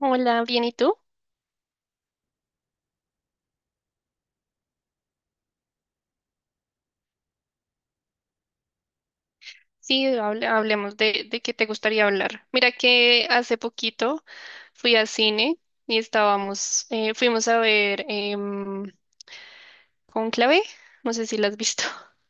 Hola, bien, ¿y tú? Sí, hablemos de qué te gustaría hablar. Mira que hace poquito fui al cine y fuimos a ver Cónclave, no sé si la has visto.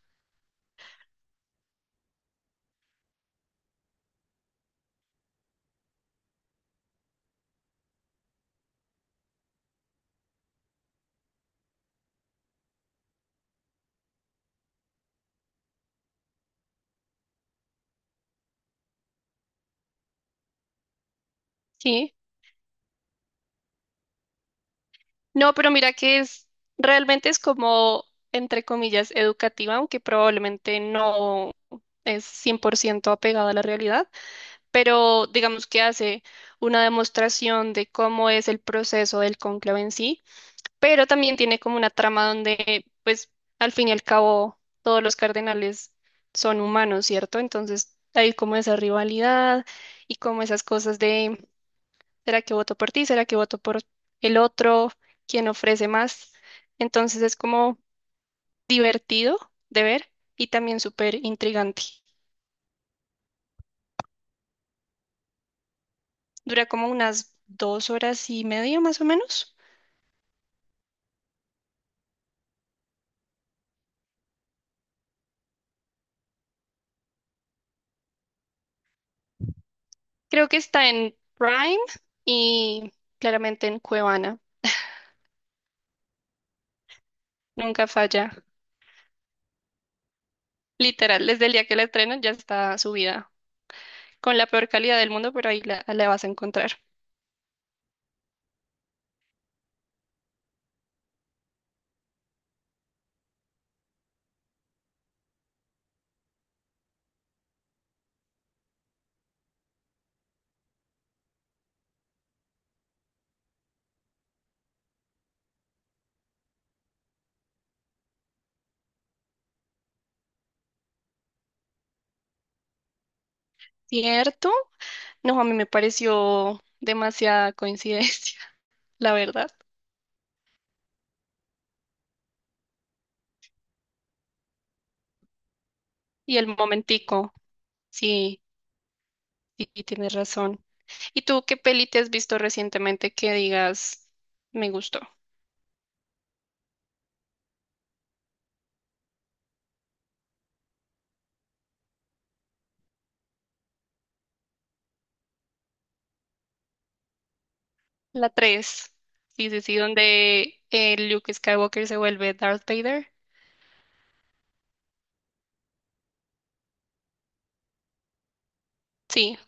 Sí. No, pero mira que realmente es como, entre comillas, educativa, aunque probablemente no es 100% apegada a la realidad, pero digamos que hace una demostración de cómo es el proceso del cónclave en sí, pero también tiene como una trama donde, pues, al fin y al cabo, todos los cardenales son humanos, ¿cierto? Entonces hay como esa rivalidad y como esas cosas de, ¿será que voto por ti? ¿Será que voto por el otro? ¿Quién ofrece más? Entonces es como divertido de ver y también súper intrigante. Dura como unas 2 horas y media más o menos. Creo que está en Prime y claramente en Cuevana. Nunca falla. Literal, desde el día que la estrenan ya está subida con la peor calidad del mundo, pero ahí la vas a encontrar. ¿Cierto? No, a mí me pareció demasiada coincidencia, la verdad. Y el momentico, sí, sí, sí, tienes razón. ¿Y tú qué peli te has visto recientemente que digas, me gustó? La tres. Sí, sí, sí, donde Luke Skywalker se vuelve Darth Vader. Sí.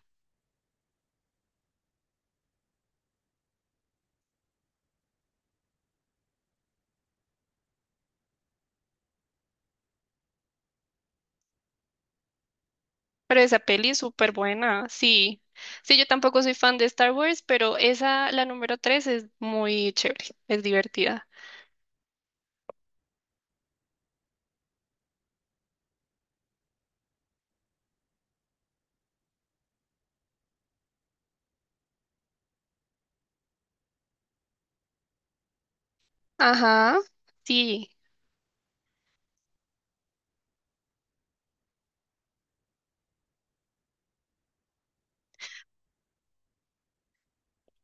Pero esa peli es súper buena, sí. Sí, yo tampoco soy fan de Star Wars, pero esa, la número 3 es muy chévere, es divertida. Ajá, sí.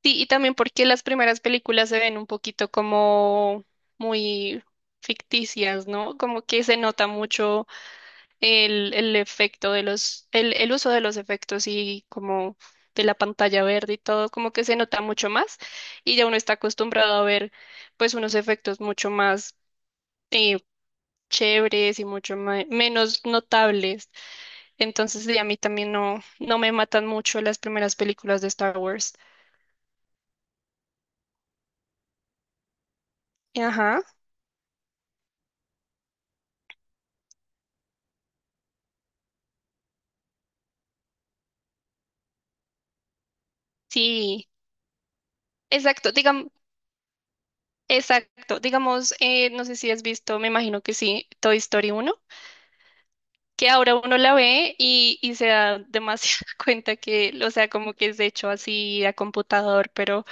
Sí, y también porque las primeras películas se ven un poquito como muy ficticias, ¿no? Como que se nota mucho el efecto de el uso de los efectos y como de la pantalla verde y todo, como que se nota mucho más y ya uno está acostumbrado a ver pues unos efectos mucho más eh, chéveres y mucho menos notables. Entonces, sí, a mí también no me matan mucho las primeras películas de Star Wars. Ajá, sí, exacto, digamos, no sé si has visto, me imagino que sí, Toy Story uno, que ahora uno la ve y se da demasiada cuenta que, o sea, como que es hecho así a computador, pero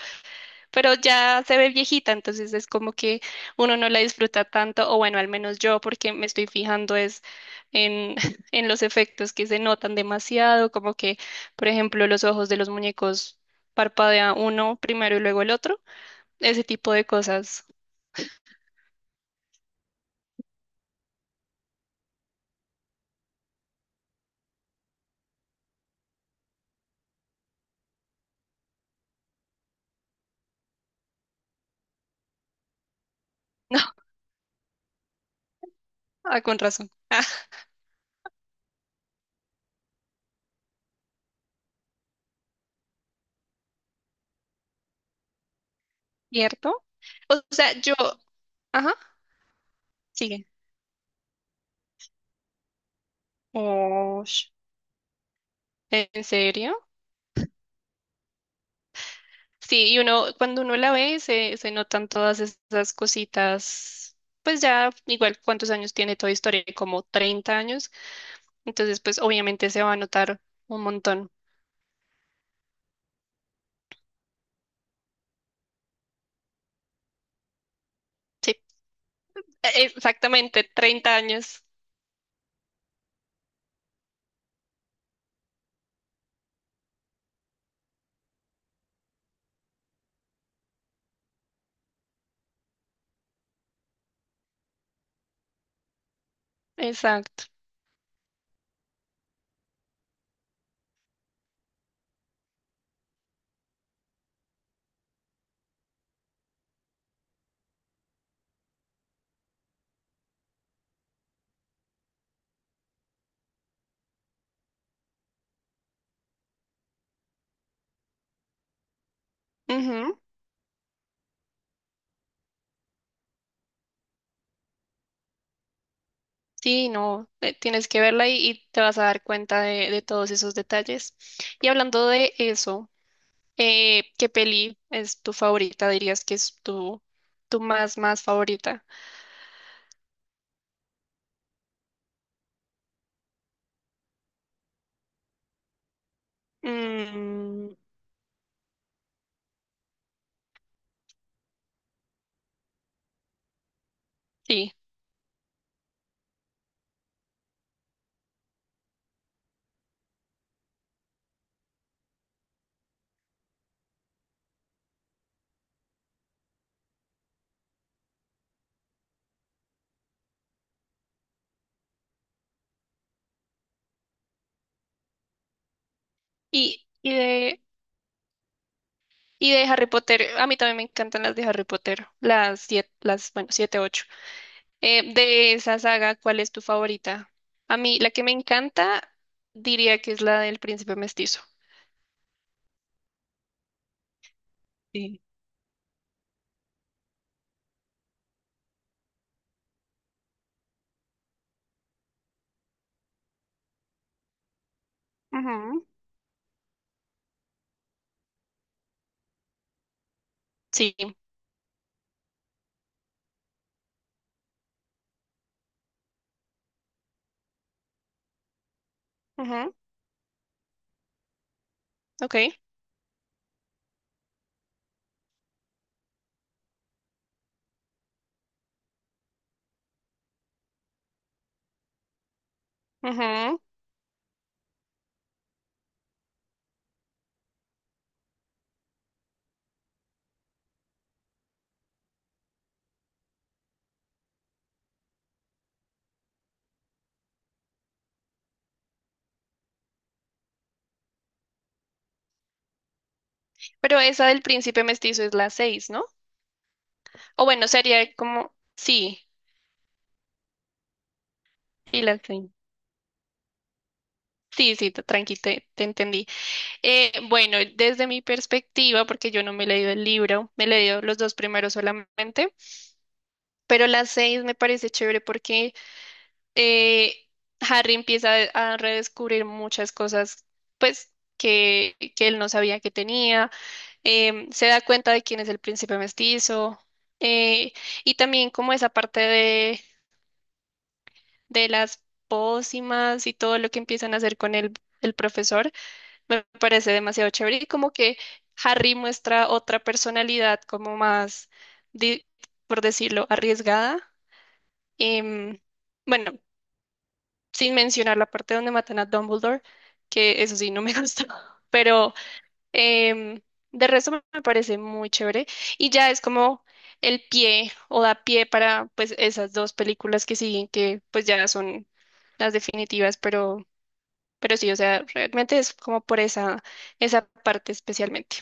pero ya se ve viejita, entonces es como que uno no la disfruta tanto, o bueno, al menos yo, porque me estoy fijando es en, en los efectos que se notan demasiado, como que, por ejemplo, los ojos de los muñecos parpadea uno primero y luego el otro, ese tipo de cosas. No, ah, con razón. ¿Cierto? O sea, yo, ajá, sigue. Oh, ¿en serio? Sí, y uno, cuando uno la ve, se notan todas esas cositas. Pues ya, igual, ¿cuántos años tiene Toy Story? Como 30 años. Entonces, pues obviamente se va a notar un montón. Sí, exactamente, 30 años. Exacto. Ujú. Sí, no, tienes que verla y te vas a dar cuenta de, todos esos detalles. Y hablando de eso, ¿qué peli es tu favorita? Dirías que es tu, más favorita. Mm, sí. Y, y de, y de Harry Potter, a mí también me encantan las de Harry Potter, las siete, bueno, siete, ocho. De esa saga, ¿cuál es tu favorita? A mí, la que me encanta, diría que es la del príncipe mestizo. Sí. Ujú. Sí. Ujú. Ok. Ujú. Pero esa del príncipe mestizo es la seis, ¿no? O bueno, sería como, sí, y la seis. Sí, sí, tranqui, te entendí. Bueno, desde mi perspectiva, porque yo no me he leído el libro, me he leído los dos primeros solamente, pero las seis me parece chévere porque, eh, Harry empieza a redescubrir muchas cosas, pues, que él no sabía que tenía. Se da cuenta de quién es el príncipe mestizo, eh, y también como esa parte de, las pócimas y todo lo que empiezan a hacer con el profesor. Me parece demasiado chévere y como que Harry muestra otra personalidad como más, di- por decirlo, arriesgada. Em, bueno, sin mencionar la parte donde matan a Dumbledore, que eso sí no me gustó, pero, em, de resto me parece muy chévere y ya es como el pie o da pie para pues esas dos películas que siguen, que pues ya son las definitivas, pero sí, o sea, realmente es como por esa parte especialmente.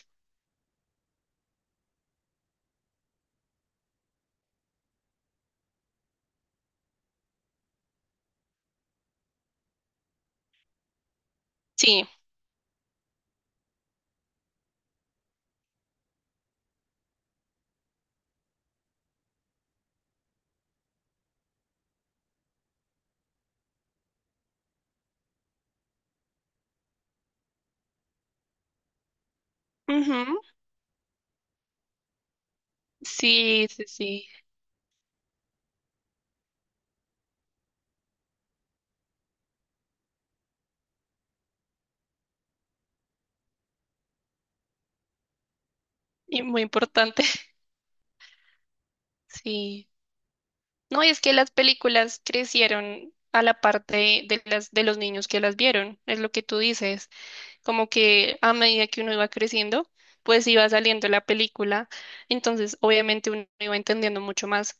Sí, ujú. Sí, sí, sí, y muy importante, sí. No, y es que las películas crecieron a la parte de, de los niños que las vieron, es lo que tú dices, como que a medida que uno iba creciendo, pues iba saliendo la película, entonces obviamente uno iba entendiendo mucho más.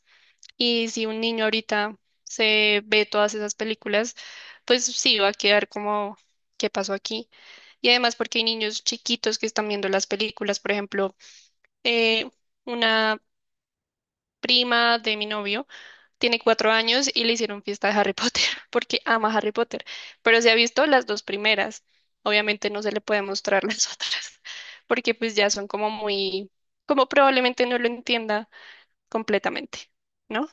Y si un niño ahorita se ve todas esas películas, pues sí, va a quedar como, ¿qué pasó aquí? Y además porque hay niños chiquitos que están viendo las películas, por ejemplo. eh, una prima de mi novio tiene 4 años y le hicieron fiesta de Harry Potter porque ama Harry Potter, pero se ha visto las dos primeras. Obviamente no se le puede mostrar las otras, porque pues ya son como muy, como probablemente no lo entienda completamente, ¿no?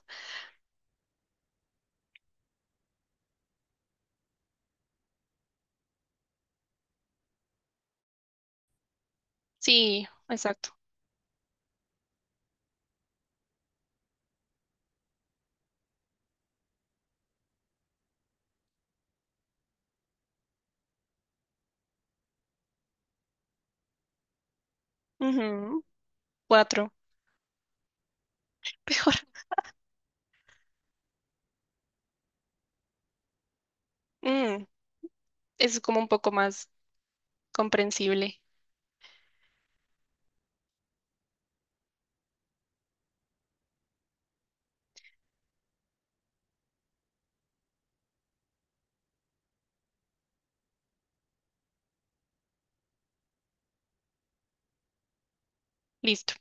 Sí, exacto. Ujú. Cuatro, mejor. Mm, es como un poco más comprensible. Listo.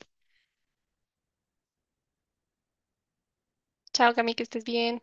Chao, Cami, que estés bien.